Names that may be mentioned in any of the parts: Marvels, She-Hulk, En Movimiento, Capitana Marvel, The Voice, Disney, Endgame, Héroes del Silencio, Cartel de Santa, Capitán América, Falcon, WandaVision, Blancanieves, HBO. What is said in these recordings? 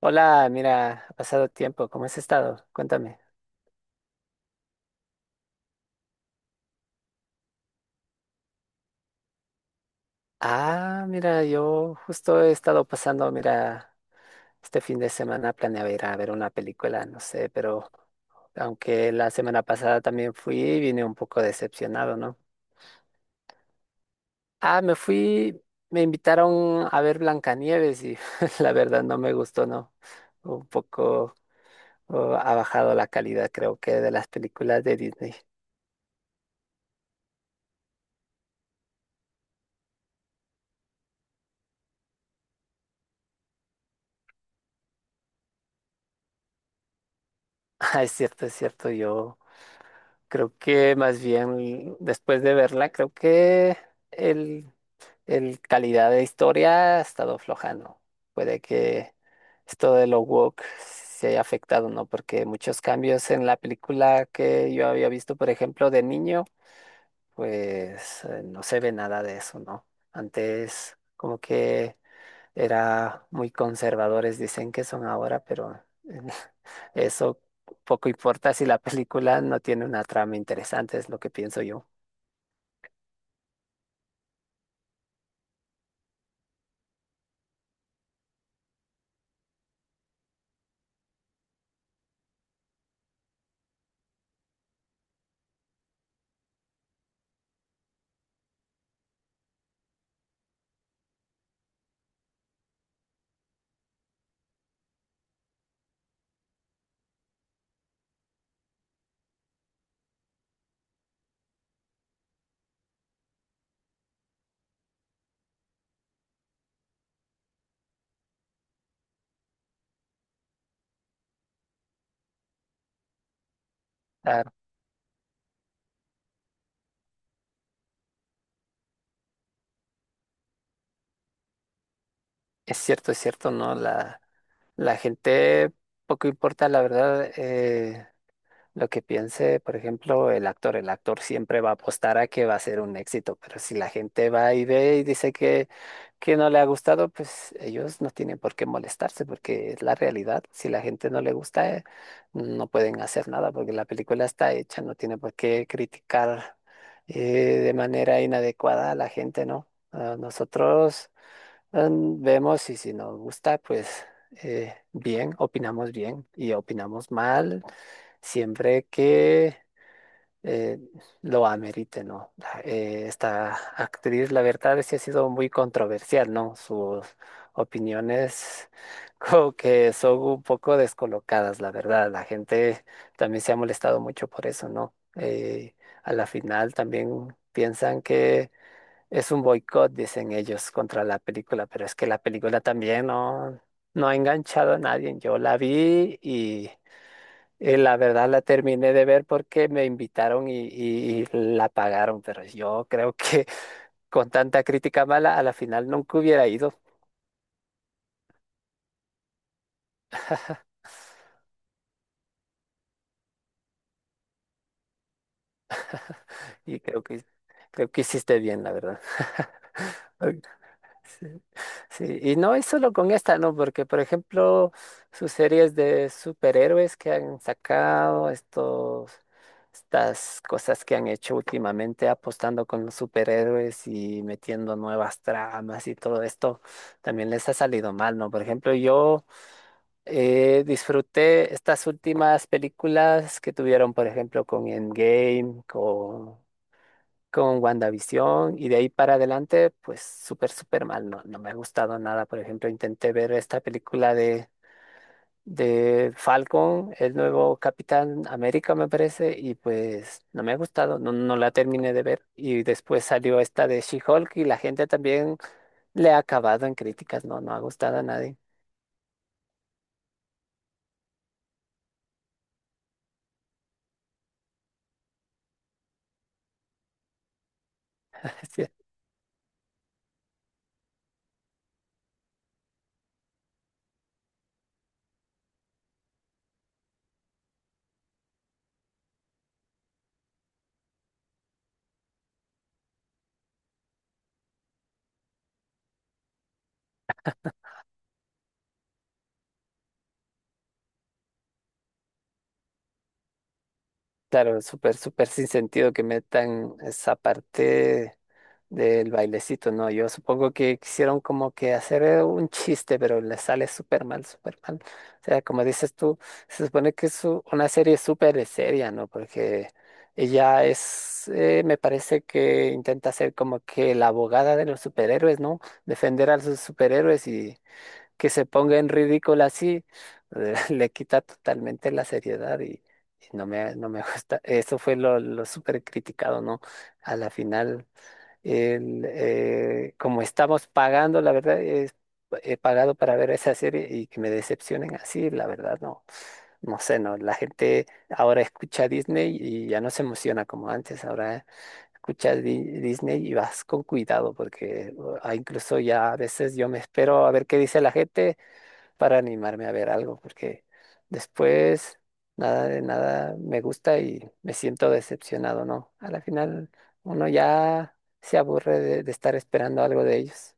Hola, mira, ha pasado tiempo, ¿cómo has estado? Cuéntame. Ah, mira, yo justo he estado pasando, mira, este fin de semana planeaba ir a ver una película, no sé, pero aunque la semana pasada también fui, vine un poco decepcionado, ¿no? Ah, me fui, me invitaron a ver Blancanieves y la verdad no me gustó, ¿no? Un poco, oh, ha bajado la calidad, creo que, de las películas de Disney. Ah, es cierto, yo. Creo que más bien después de verla, creo que el, el calidad de historia ha estado aflojando. Puede que esto de lo woke se haya afectado, ¿no? Porque muchos cambios en la película que yo había visto, por ejemplo, de niño, pues no se ve nada de eso, ¿no? Antes como que era muy conservadores, dicen que son ahora, pero eso poco importa si la película no tiene una trama interesante, es lo que pienso yo. Ah, es cierto, ¿no? La gente, poco importa, la verdad, lo que piense, por ejemplo, el actor siempre va a apostar a que va a ser un éxito, pero si la gente va y ve y dice que no le ha gustado, pues ellos no tienen por qué molestarse, porque es la realidad. Si la gente no le gusta, no pueden hacer nada, porque la película está hecha, no tiene por qué criticar eh, de manera inadecuada a la gente, ¿no? Ah, nosotros vemos y si nos gusta, pues bien, opinamos bien y opinamos mal siempre que eh, lo amerite, ¿no? Esta actriz, la verdad, sí ha sido muy controversial, ¿no? Sus opiniones como que son un poco descolocadas, la verdad. La gente también se ha molestado mucho por eso, ¿no? A la final también piensan que es un boicot, dicen ellos, contra la película, pero es que la película también no ha enganchado a nadie. Yo la vi y. La verdad la terminé de ver porque me invitaron y la pagaron, pero yo creo que con tanta crítica mala a la final nunca hubiera ido y creo que hiciste bien, la verdad. Sí, sí, y no es solo con esta, ¿no? Porque, por ejemplo, sus series de superhéroes que han sacado, estas cosas que han hecho últimamente apostando con los superhéroes y metiendo nuevas tramas y todo esto, también les ha salido mal, ¿no? Por ejemplo, yo disfruté estas últimas películas que tuvieron, por ejemplo, con Endgame, con WandaVision y de ahí para adelante, pues súper, súper mal. No, no me ha gustado nada. Por ejemplo, intenté ver esta película de Falcon, el nuevo Capitán América, me parece, y pues no me ha gustado, no, no la terminé de ver. Y después salió esta de She-Hulk y la gente también le ha acabado en críticas, no, no ha gustado a nadie. Sí, claro, súper, súper sin sentido que metan esa parte. Del bailecito, no, yo supongo que quisieron como que hacer un chiste, pero le sale súper mal, súper mal. O sea, como dices tú, se supone que es una serie súper seria, ¿no? Porque ella es, me parece que intenta ser como que la abogada de los superhéroes, ¿no? Defender a sus superhéroes y que se ponga en ridículo así, le quita totalmente la seriedad y no me gusta. Eso fue lo súper criticado, ¿no? A la final como estamos pagando, la verdad, he pagado para ver esa serie y que me decepcionen así, la verdad, no. No sé, no. La gente ahora escucha Disney y ya no se emociona como antes. Ahora escuchas Disney y vas con cuidado porque ah, incluso ya a veces yo me espero a ver qué dice la gente para animarme a ver algo, porque después nada de nada me gusta y me siento decepcionado, ¿no? A la final uno ya se aburre de estar esperando algo de ellos.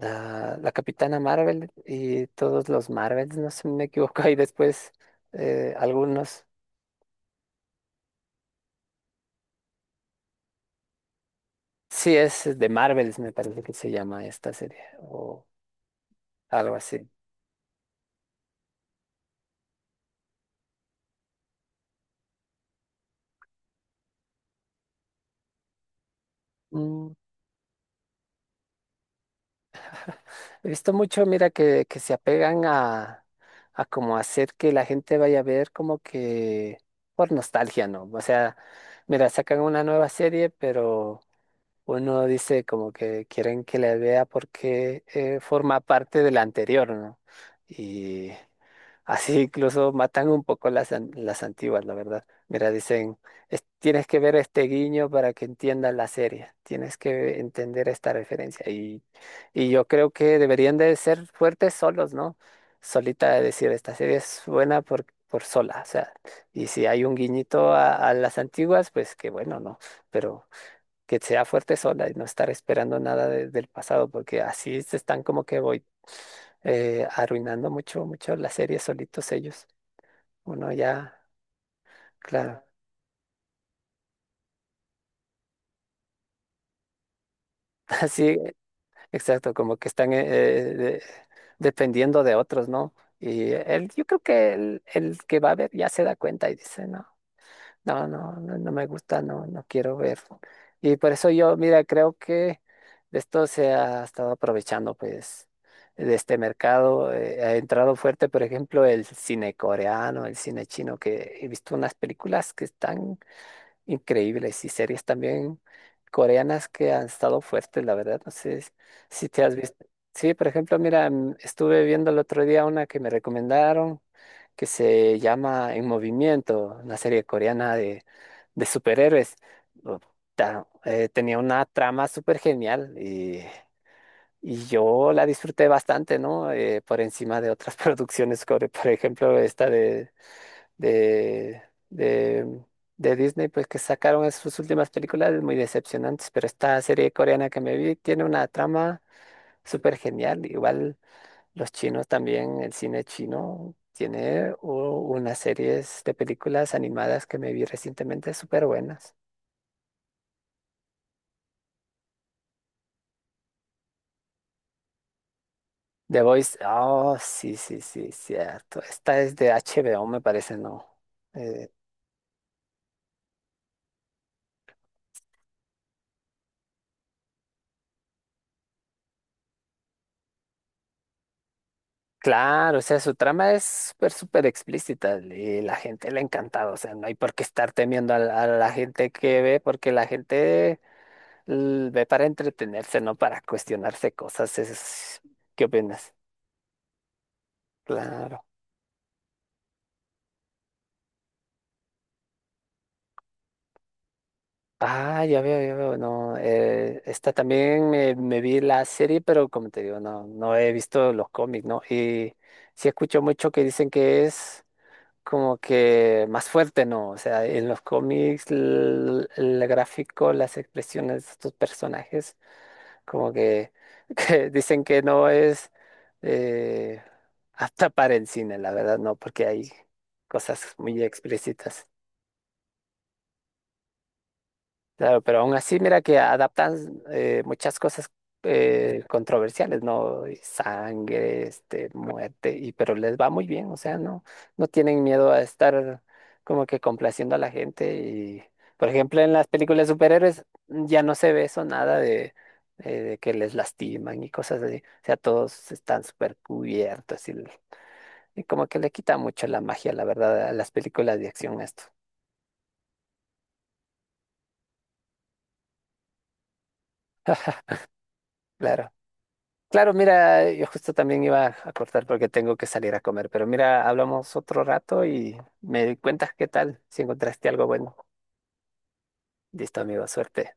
La Capitana Marvel y todos los Marvels, no sé si me equivoco, y después algunos. Sí, es de Marvels, me parece que se llama esta serie o algo así. He visto mucho, mira, que se apegan a como hacer que la gente vaya a ver como que por nostalgia, ¿no? O sea, mira, sacan una nueva serie, pero uno dice como que quieren que la vea porque forma parte de la anterior, ¿no? Y así incluso matan un poco las antiguas, la verdad. Mira, dicen, Tienes que ver este guiño para que entiendas la serie, tienes que entender esta referencia". Y yo creo que deberían de ser fuertes solos, ¿no? Solita de decir, esta serie es buena por sola, o sea, y si hay un guiñito a las antiguas, pues qué bueno, ¿no? Pero que sea fuerte sola y no estar esperando nada del pasado, porque así se están como que voy arruinando mucho, mucho la serie solitos ellos. Uno ya, claro, así, exacto, como que están dependiendo de otros, ¿no? Y él, yo creo que el que va a ver ya se da cuenta y dice, no, no, no, no, no me gusta, no, no quiero ver. Y por eso yo, mira, creo que de esto se ha estado aprovechando, pues, de este mercado. Ha entrado fuerte, por ejemplo, el cine coreano, el cine chino, que he visto unas películas que están increíbles y series también coreanas que han estado fuertes, la verdad. No sé si te has visto. Sí, por ejemplo, mira, estuve viendo el otro día una que me recomendaron que se llama En Movimiento, una serie coreana de superhéroes. Oh, tenía una trama súper genial y yo la disfruté bastante, ¿no? Por encima de otras producciones, como por ejemplo esta de de, de, de Disney, pues que sacaron sus últimas películas muy decepcionantes, pero esta serie coreana que me vi tiene una trama súper genial. Igual los chinos también, el cine chino tiene unas series de películas animadas que me vi recientemente súper buenas. The Voice, oh, sí, sí, sí, cierto. Esta es de HBO, me parece, ¿no? Eh, Claro, o sea, su trama es súper, súper explícita y la gente le ha encantado, o sea, no hay por qué estar temiendo a la gente que ve, porque la gente ve para entretenerse, no para cuestionarse cosas. ¿Qué opinas? Claro. Ah, ya veo, no, esta también me vi la serie, pero como te digo, no, no he visto los cómics, ¿no? Y sí escucho mucho que dicen que es como que más fuerte, ¿no? O sea, en los cómics, el, gráfico, las expresiones de estos personajes, como que, que dicen que no es eh, apta para el cine, la verdad, no, porque hay cosas muy explícitas. Claro, pero aún así, mira que adaptan muchas cosas controversiales, ¿no? Y sangre, muerte, y pero les va muy bien, o sea, no, no tienen miedo a estar como que complaciendo a la gente. Y, por ejemplo, en las películas de superhéroes ya no se ve eso nada de que les lastiman y cosas así. O sea, todos están súper cubiertos y como que le quita mucho la magia, la verdad, a las películas de acción esto. Claro. Claro, mira, yo justo también iba a cortar porque tengo que salir a comer, pero mira, hablamos otro rato y me cuentas qué tal, si encontraste algo bueno. Listo, amigo, suerte.